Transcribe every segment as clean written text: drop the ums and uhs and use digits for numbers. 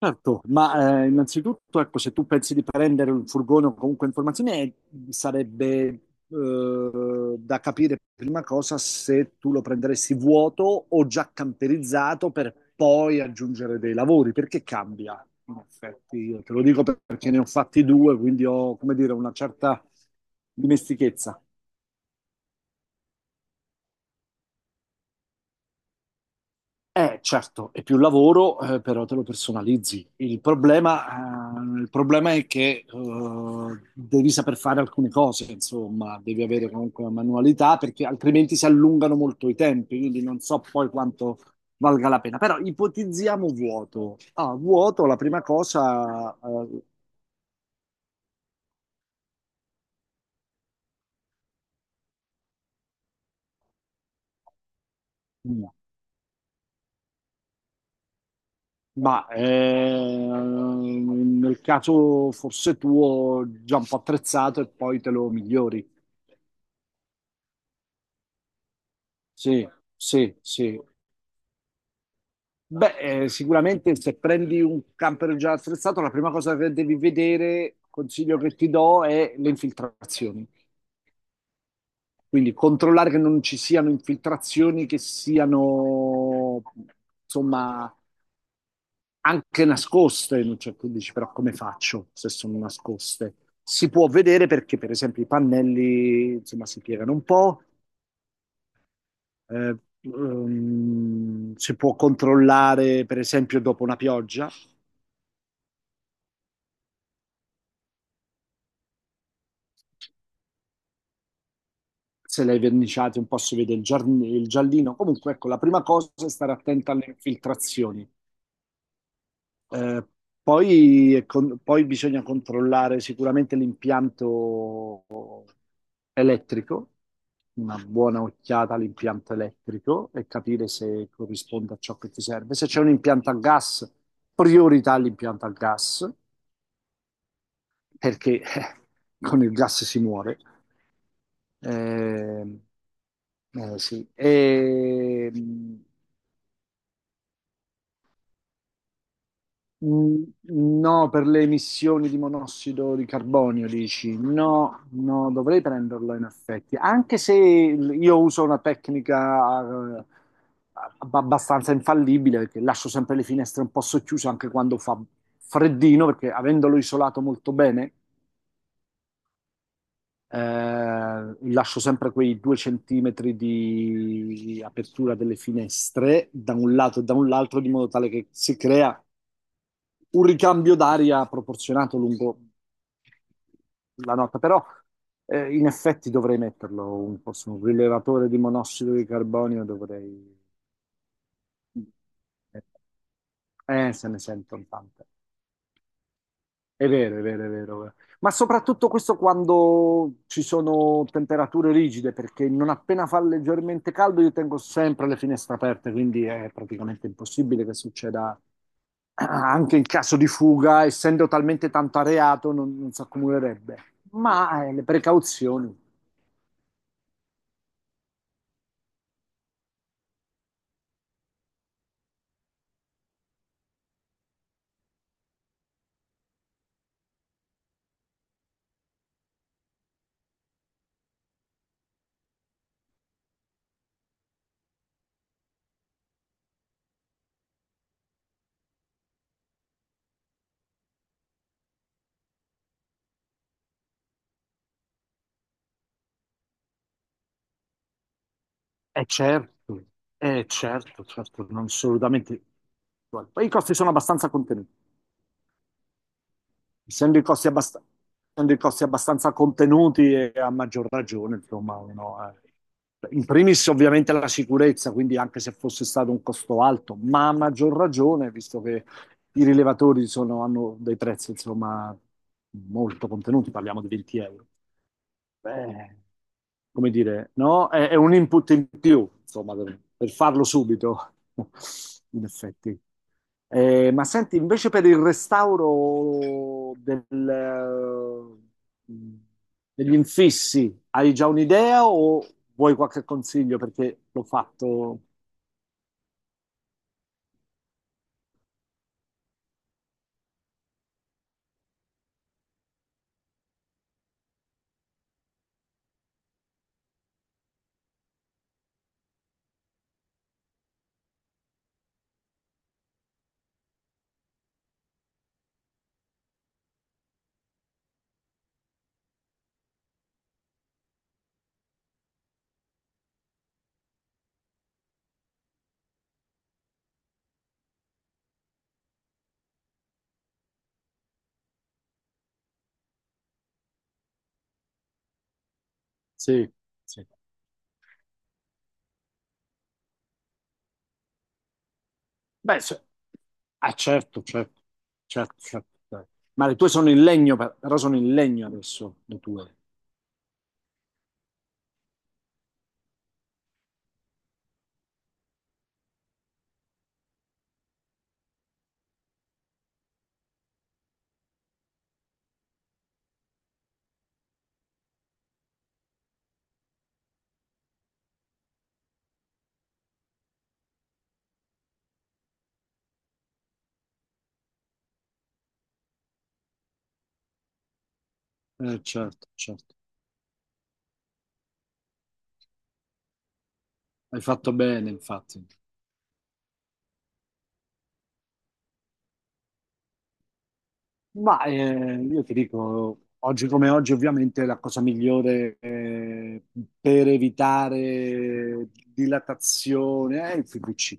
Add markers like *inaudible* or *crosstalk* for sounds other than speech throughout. Certo, innanzitutto, ecco, se tu pensi di prendere un furgone o comunque informazioni, sarebbe da capire prima cosa se tu lo prenderesti vuoto o già camperizzato per poi aggiungere dei lavori, perché cambia, in effetti. Io te lo dico perché ne ho fatti due, quindi ho, come dire, una certa dimestichezza. Certo, è più lavoro, però te lo personalizzi. Il problema è che devi saper fare alcune cose, insomma, devi avere comunque una manualità perché altrimenti si allungano molto i tempi, quindi non so poi quanto valga la pena. Però ipotizziamo vuoto. Ah, vuoto, la prima cosa, no. Ma nel caso forse tuo già un po' attrezzato e poi te lo migliori. Sì, sì, sì. Beh, sicuramente se prendi un camper già attrezzato, la prima cosa che devi vedere, consiglio che ti do, è le infiltrazioni. Quindi controllare che non ci siano infiltrazioni che siano, insomma, anche nascoste. Non c'è, tu dici, però come faccio se sono nascoste? Si può vedere perché, per esempio, i pannelli, insomma, si piegano un po'. eh, si può controllare, per esempio, dopo una pioggia, se l'hai verniciato un po' si vede il, il giallino. Comunque, ecco, la prima cosa è stare attenta alle infiltrazioni. Eh, Poi, poi bisogna controllare sicuramente l'impianto elettrico, una buona occhiata all'impianto elettrico e capire se corrisponde a ciò che ti serve. Se c'è un impianto a gas, priorità all'impianto a gas, perché con il gas si muore. Eh, sì. Mm, No, per le emissioni di monossido di carbonio, dici? No, no, dovrei prenderlo in effetti, anche se io uso una tecnica eh, abbastanza infallibile, perché lascio sempre le finestre un po' socchiuse anche quando fa freddino, perché avendolo isolato molto bene, lascio sempre quei due centimetri di apertura delle finestre da un lato e da un altro, di modo tale che si crea un ricambio d'aria proporzionato lungo la nota, però in effetti dovrei metterlo un po' su un rilevatore di monossido di carbonio, dovrei... Eh, Se ne sentono tante. È vero, è vero, è vero. Ma soprattutto questo quando ci sono temperature rigide, perché non appena fa leggermente caldo io tengo sempre le finestre aperte, quindi è praticamente impossibile che succeda. Ah, anche in caso di fuga, essendo talmente tanto areato, non, non si accumulerebbe. Le precauzioni, è certo, è certo, certo, non assolutamente. Poi i costi sono abbastanza contenuti. essendo i costi abbast- Essendo i costi abbastanza contenuti e a maggior ragione, insomma, uno, in primis ovviamente la sicurezza, quindi anche se fosse stato un costo alto, ma a maggior ragione, visto che hanno dei prezzi, insomma, molto contenuti, parliamo di 20 euro. Beh, come dire, no? È un input in più, insomma, per farlo subito, *laughs* in effetti. Ma senti, invece per il restauro degli infissi, hai già un'idea o vuoi qualche consiglio? Perché l'ho fatto... Sì, sì. Beh, se- ah, certo. Ma le tue sono in legno, però sono in legno adesso, le tue. Certo, certo. Hai fatto bene, infatti. Io ti dico, oggi come oggi, ovviamente la cosa migliore, per evitare dilatazione è il PVC.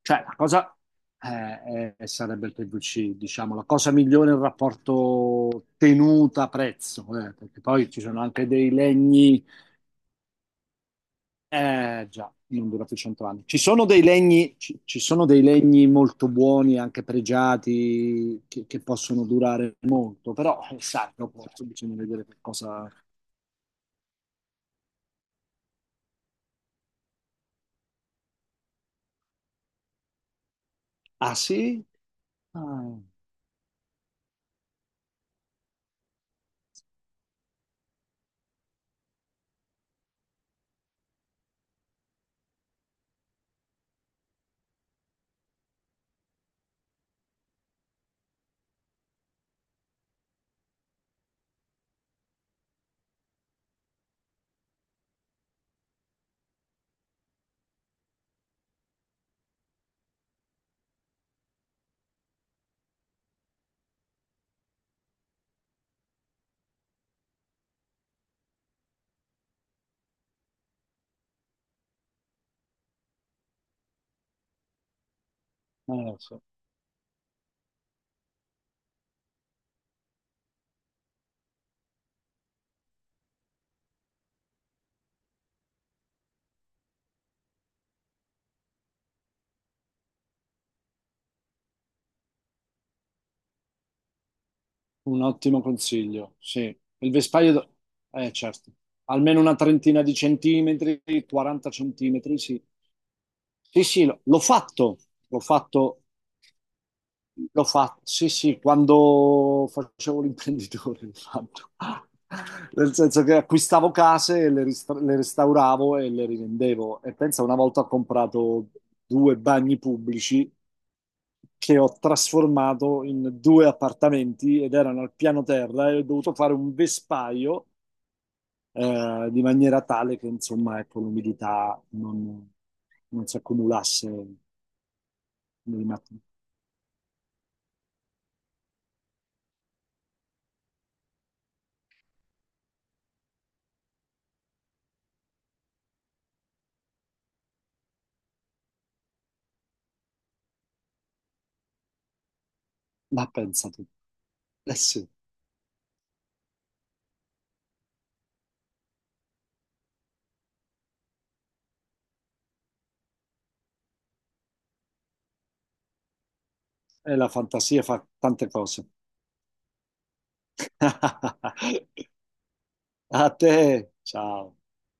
Cioè, la cosa sarebbe il PVC, diciamo, la cosa migliore è il rapporto tenuta-prezzo, perché poi ci sono anche dei legni. Eh già, non dura più 100 anni. Ci sono dei legni, ci sono dei legni molto buoni, anche pregiati, che possono durare molto, però sai, dopo bisogna vedere che cosa... Ah sì? Ah, sì. Un ottimo consiglio, sì. Eh certo, almeno una trentina di centimetri, 40 centimetri, sì. L'ho fatto, l'ho fatto l'ho fatto, sì, sì, quando facevo l'imprenditore, l'ho fatto. Nel senso che acquistavo case, le restauravo e le rivendevo. E pensa, una volta ho comprato due bagni pubblici che ho trasformato in due appartamenti ed erano al piano terra e ho dovuto fare un vespaio, di maniera tale che, insomma, ecco, l'umidità non si accumulasse nei mattoni. Ma pensa tu, eh sì. E la fantasia fa tante cose. *laughs* A te, ciao.